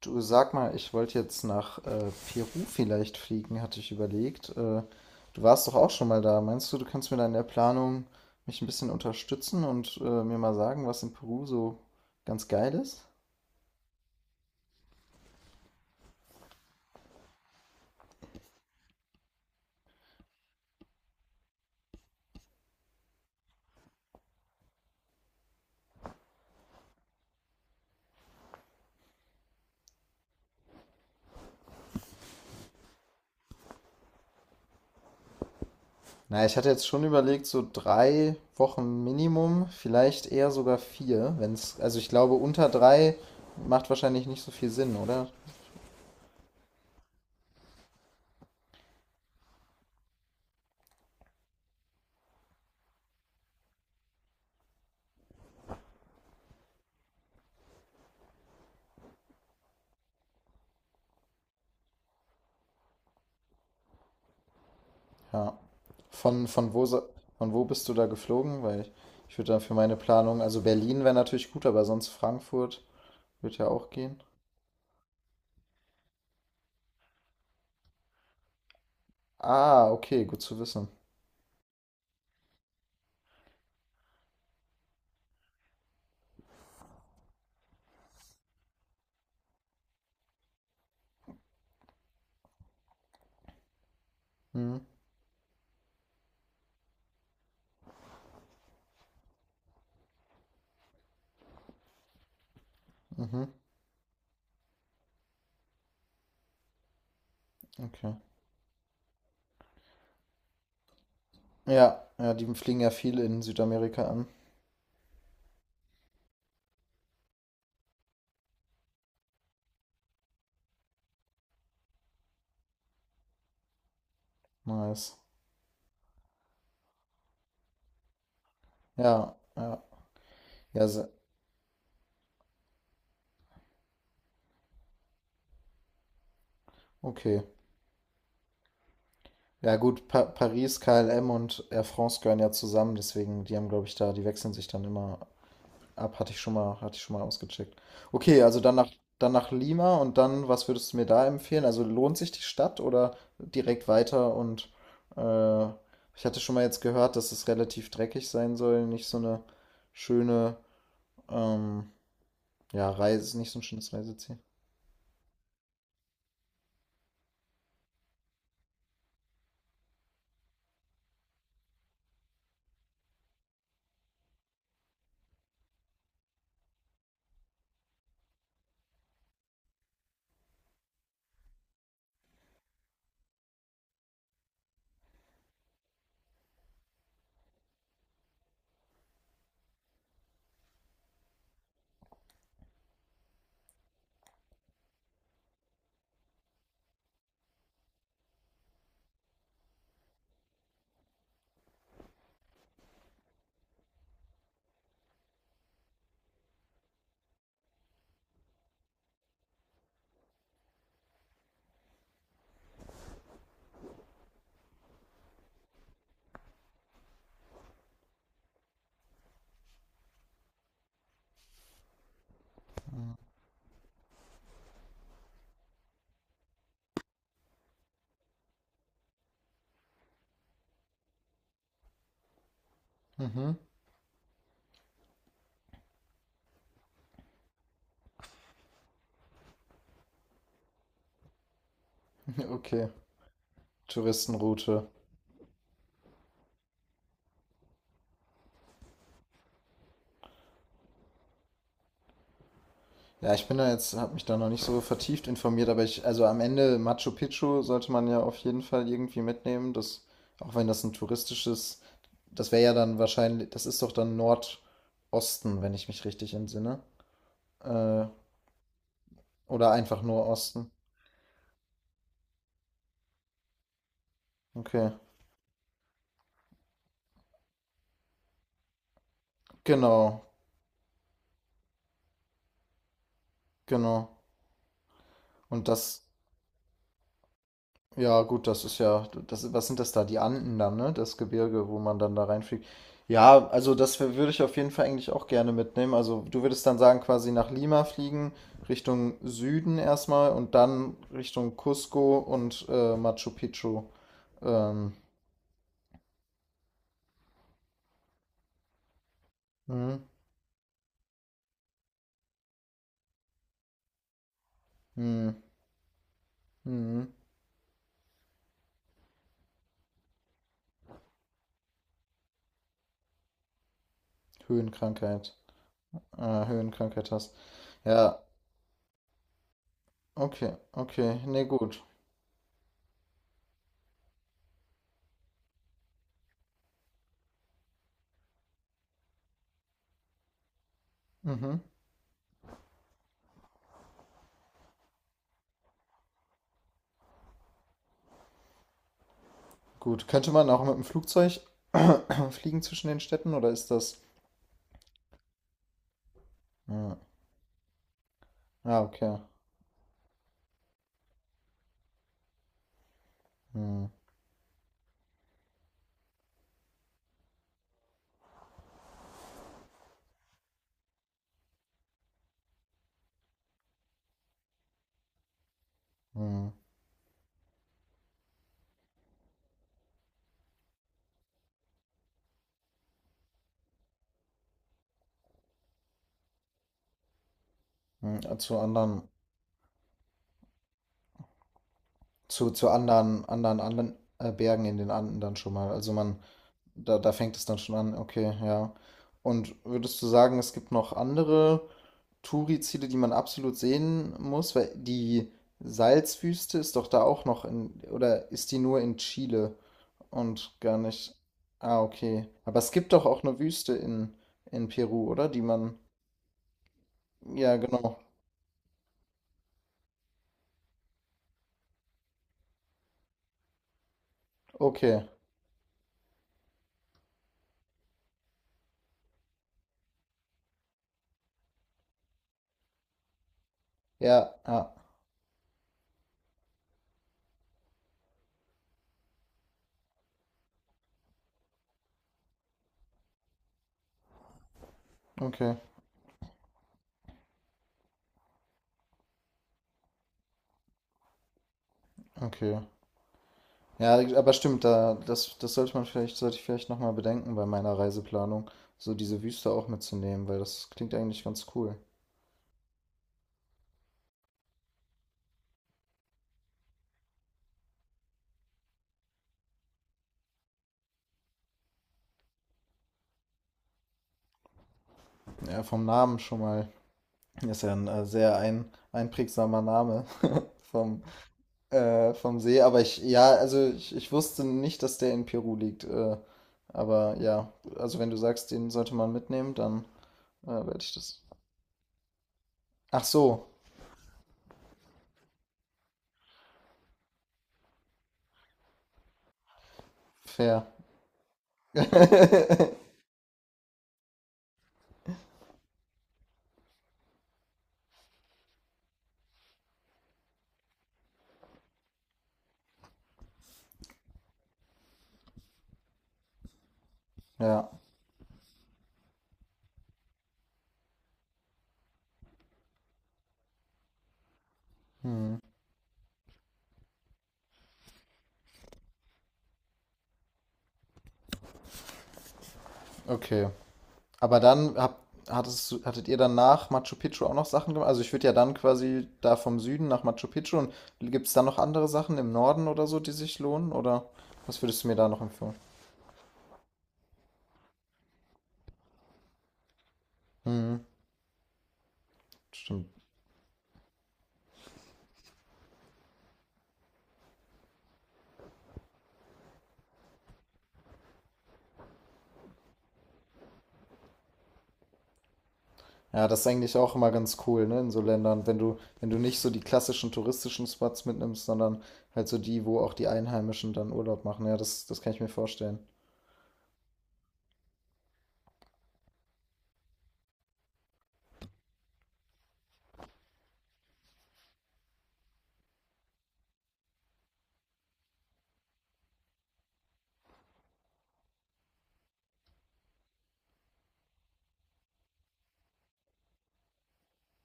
Du, sag mal, ich wollte jetzt nach Peru vielleicht fliegen, hatte ich überlegt. Du warst doch auch schon mal da. Meinst du, du kannst mir da in der Planung mich ein bisschen unterstützen und mir mal sagen, was in Peru so ganz geil ist? Naja, ich hatte jetzt schon überlegt, so drei Wochen Minimum, vielleicht eher sogar vier, wenn's, also ich glaube, unter drei macht wahrscheinlich nicht so viel Sinn, oder? Ja. Von wo, von wo bist du da geflogen? Ich würde dann für meine Planung, also Berlin wäre natürlich gut, aber sonst Frankfurt wird ja auch gehen. Ah, okay, gut zu wissen. Mhm, mhm, okay. Ja, ja, die fliegen ja viel in Südamerika an. Nice. Ja, ja, ja, se- okay. Ja gut, pa Paris, KLM und Air France gehören ja zusammen, deswegen, die haben, glaube ich, da, die wechseln sich dann immer ab, hatte ich schon mal, hatte ich schon mal ausgecheckt. Okay, also dann nach Lima, und dann, was würdest du mir da empfehlen? Also lohnt sich die Stadt oder direkt weiter? Und äh, ich hatte schon mal jetzt gehört, dass es relativ dreckig sein soll, nicht so eine schöne, ähm, ja, Reise, nicht so ein schönes Reiseziel. Mhm. Okay, Touristenroute. Ja, ich bin da jetzt, habe mich da noch nicht so vertieft informiert, aber ich, also am Ende Machu Picchu sollte man ja auf jeden Fall irgendwie mitnehmen. Das, auch wenn das ein touristisches, das wäre ja dann wahrscheinlich, das ist doch dann Nordosten, wenn ich mich richtig entsinne. Äh, oder einfach nur Osten. Okay. Genau, genau. Und das. Ja, gut, das ist ja, das, was sind das da? Die Anden dann, ne? Das Gebirge, wo man dann da reinfliegt. Ja, also das würde ich auf jeden Fall eigentlich auch gerne mitnehmen. Also du würdest dann sagen, quasi nach Lima fliegen, Richtung Süden erstmal und dann Richtung Cusco und Machu Picchu. Ähm, hm, hm, hm, Höhenkrankheit. Höhenkrankheit hast. Ja, okay, okay. Nee, gut. Mhm. Gut. Könnte man auch mit dem Flugzeug fliegen zwischen den Städten oder ist das. Ja. Ah, okay. Hm, hm. Mhm. Zu, anderen Bergen in den Anden dann schon mal. Also man, da, da fängt es dann schon an, okay, ja. Und würdest du sagen, es gibt noch andere Touri-Ziele, die man absolut sehen muss? Weil die Salzwüste ist doch da auch noch in, oder ist die nur in Chile und gar nicht. Ah, okay. Aber es gibt doch auch eine Wüste in Peru, oder? Die man. Ja, genau. Okay. Ja, ja, okay. Okay. Ja, aber stimmt, da, das, das sollte man vielleicht, sollte ich vielleicht nochmal bedenken bei meiner Reiseplanung, so diese Wüste auch mitzunehmen, weil das klingt eigentlich ganz cool. Ja, vom Namen schon mal. Ist ja ein sehr ein, einprägsamer Name vom, vom See. Ja, ich wusste nicht, dass der in Peru liegt. Aber ja, also wenn du sagst, den sollte man mitnehmen, dann werde ich das. Ach so, fair. Ja. Hm. Okay. Aber dann habt, hattet ihr dann nach Machu Picchu auch noch Sachen gemacht? Also ich würde ja dann quasi da vom Süden nach Machu Picchu und gibt es dann noch andere Sachen im Norden oder so, die sich lohnen? Oder was würdest du mir da noch empfehlen? Mhm, stimmt. Ja, das ist eigentlich auch immer ganz cool, ne, in so Ländern, wenn du nicht so die klassischen touristischen Spots mitnimmst, sondern halt so die, wo auch die Einheimischen dann Urlaub machen. Ja, das kann ich mir vorstellen.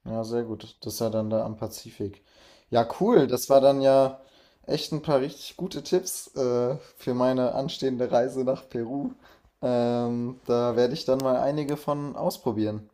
Ja, sehr gut. Das ist ja dann da am Pazifik. Ja, cool. Das war dann ja echt ein paar richtig gute Tipps für meine anstehende Reise nach Peru. Da werde ich dann mal einige von ausprobieren.